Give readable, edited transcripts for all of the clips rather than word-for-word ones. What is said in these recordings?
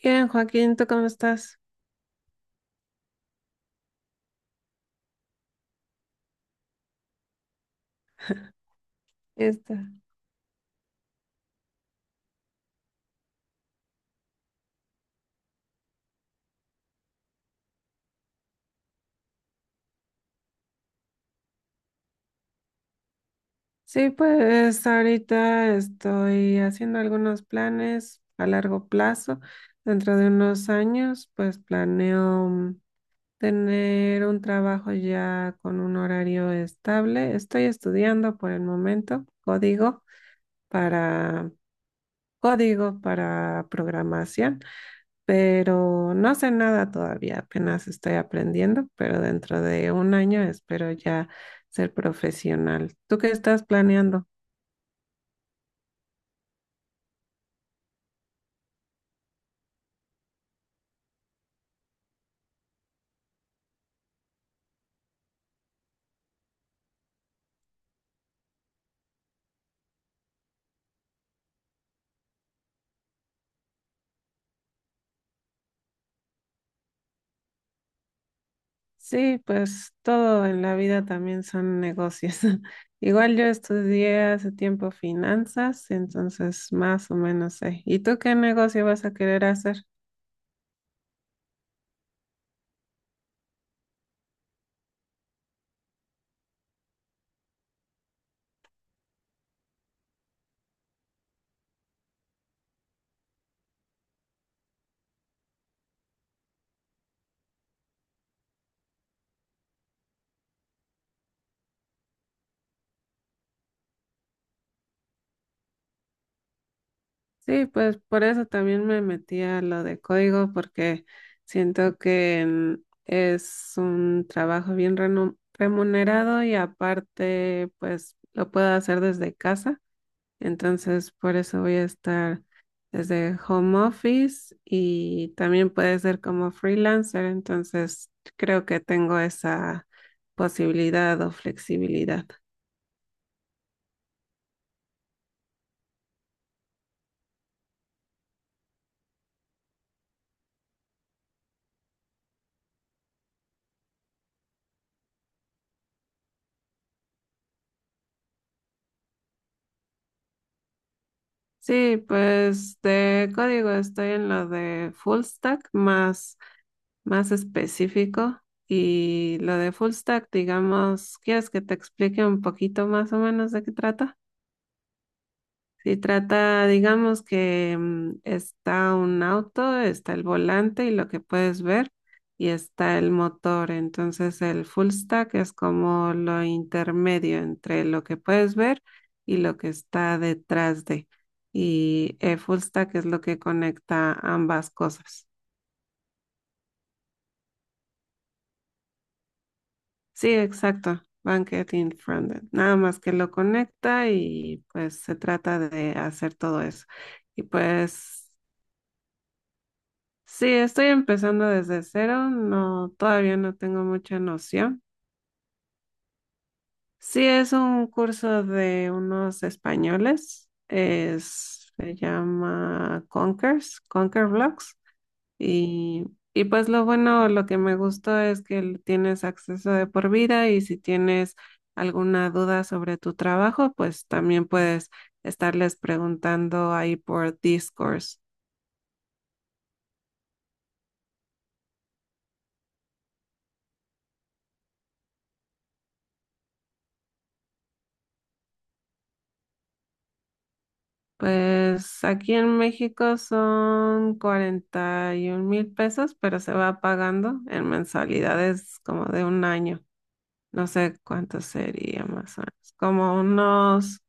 Bien, Joaquín, ¿tú cómo estás? Esta. Sí, pues ahorita estoy haciendo algunos planes a largo plazo. Dentro de unos años, pues planeo tener un trabajo ya con un horario estable. Estoy estudiando por el momento para código para programación. Pero no sé nada todavía, apenas estoy aprendiendo, pero dentro de un año espero ya ser profesional. ¿Tú qué estás planeando? Sí, pues todo en la vida también son negocios. Igual yo estudié hace tiempo finanzas, entonces más o menos sé. ¿Y tú qué negocio vas a querer hacer? Sí, pues por eso también me metí a lo de código, porque siento que es un trabajo bien remunerado y aparte, pues lo puedo hacer desde casa. Entonces, por eso voy a estar desde home office y también puede ser como freelancer. Entonces, creo que tengo esa posibilidad o flexibilidad. Sí, pues de código estoy en lo de full stack, más específico, y lo de full stack, digamos, ¿quieres que te explique un poquito más o menos de qué trata? Si trata, digamos que está un auto, está el volante y lo que puedes ver, y está el motor. Entonces el full stack es como lo intermedio entre lo que puedes ver y lo que está detrás de. Y el full stack es lo que conecta ambas cosas. Sí, exacto. Bankend y frontend. Nada más que lo conecta y pues se trata de hacer todo eso. Y pues sí, estoy empezando desde cero, no, todavía no tengo mucha noción. Sí, es un curso de unos españoles, es, se llama Conkers, Conquer Blocks, y, y pues lo bueno, lo que me gustó es que tienes acceso de por vida y si tienes alguna duda sobre tu trabajo, pues también puedes estarles preguntando ahí por Discourse. Pues aquí en México son 41,000 pesos, pero se va pagando en mensualidades como de un año. No sé cuánto sería más o menos. Como unos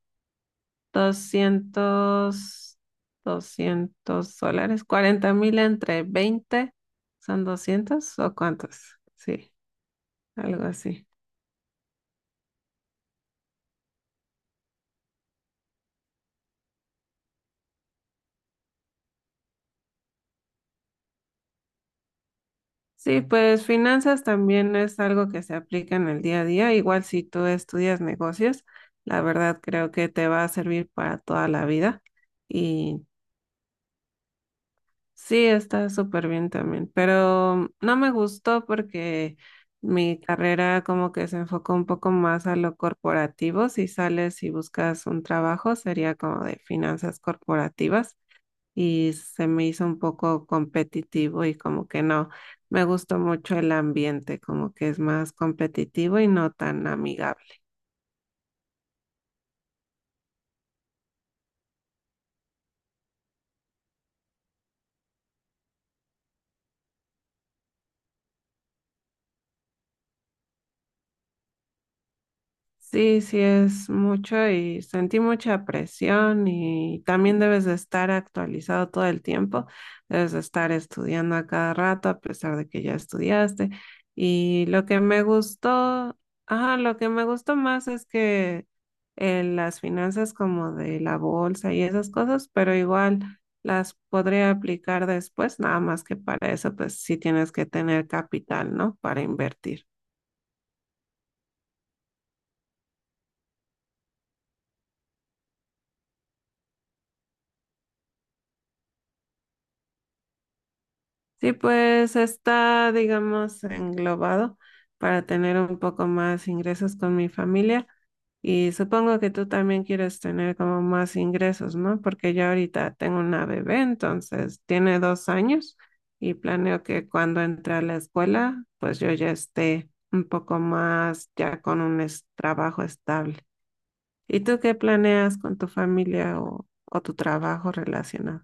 200, 200 dólares. 40,000 entre 20 son 200 o cuántos. Sí, algo así. Sí, pues finanzas también es algo que se aplica en el día a día. Igual si tú estudias negocios, la verdad creo que te va a servir para toda la vida. Y sí, está súper bien también. Pero no me gustó porque mi carrera como que se enfocó un poco más a lo corporativo. Si sales y buscas un trabajo, sería como de finanzas corporativas y se me hizo un poco competitivo y como que no, me gustó mucho el ambiente, como que es más competitivo y no tan amigable. Sí, sí es mucho y sentí mucha presión y también debes de estar actualizado todo el tiempo, debes de estar estudiando a cada rato a pesar de que ya estudiaste. Y lo que me gustó, Ajá, lo que me gustó más es que las finanzas como de la bolsa y esas cosas, pero igual las podría aplicar después, nada más que para eso pues sí tienes que tener capital, ¿no? Para invertir. Sí, pues está, digamos, englobado para tener un poco más ingresos con mi familia y supongo que tú también quieres tener como más ingresos, ¿no? Porque yo ahorita tengo una bebé, entonces tiene 2 años y planeo que cuando entre a la escuela, pues yo ya esté un poco más ya con un trabajo estable. ¿Y tú qué planeas con tu familia o tu trabajo relacionado?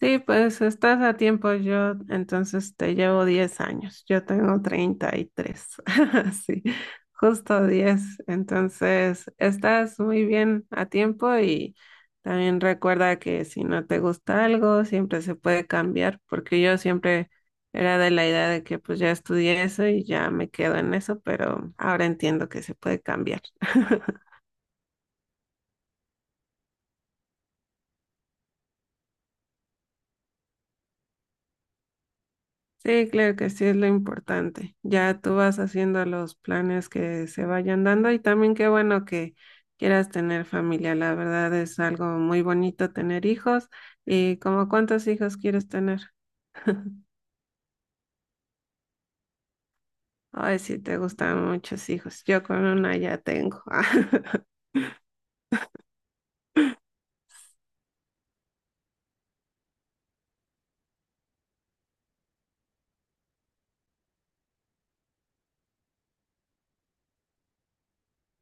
Sí, pues estás a tiempo. Yo entonces te llevo 10 años. Yo tengo 33. Sí, justo 10. Entonces, estás muy bien a tiempo, y también recuerda que si no te gusta algo, siempre se puede cambiar, porque yo siempre era de la idea de que pues ya estudié eso y ya me quedo en eso, pero ahora entiendo que se puede cambiar. Sí, claro que sí, es lo importante. Ya tú vas haciendo los planes que se vayan dando y también qué bueno que quieras tener familia. La verdad es algo muy bonito tener hijos. ¿Y como cuántos hijos quieres tener? Ay, sí, te gustan muchos hijos. Yo con una ya tengo.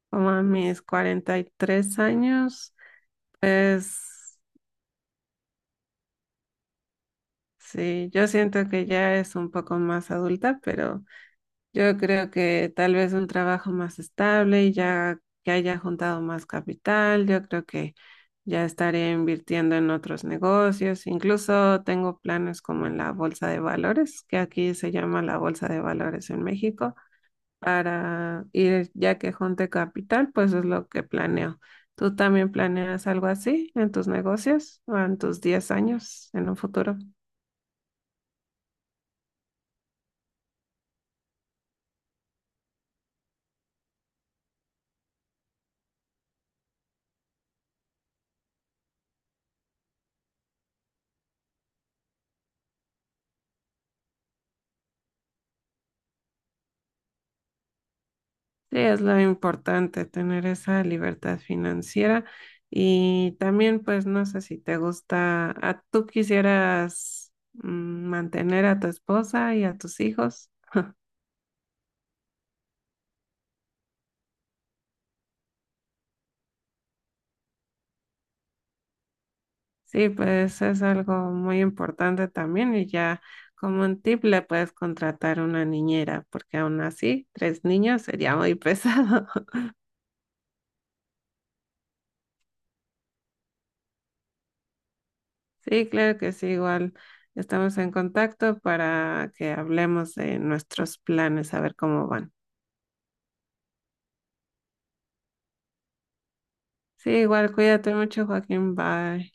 Como a mis 43 años, pues sí, yo siento que ya es un poco más adulta, pero... Yo creo que tal vez un trabajo más estable y ya que haya juntado más capital, yo creo que ya estaré invirtiendo en otros negocios. Incluso tengo planes como en la bolsa de valores, que aquí se llama la bolsa de valores en México, para ir ya que junte capital, pues es lo que planeo. ¿Tú también planeas algo así en tus negocios o en tus 10 años en un futuro? Sí, es lo importante, tener esa libertad financiera y también, pues, no sé si te gusta, ¿tú quisieras mantener a tu esposa y a tus hijos? Sí, pues es algo muy importante también y ya, como un tip, le puedes contratar una niñera, porque aún así, tres niños sería muy pesado. Sí, claro que sí, igual estamos en contacto para que hablemos de nuestros planes, a ver cómo van. Sí, igual cuídate mucho, Joaquín. Bye.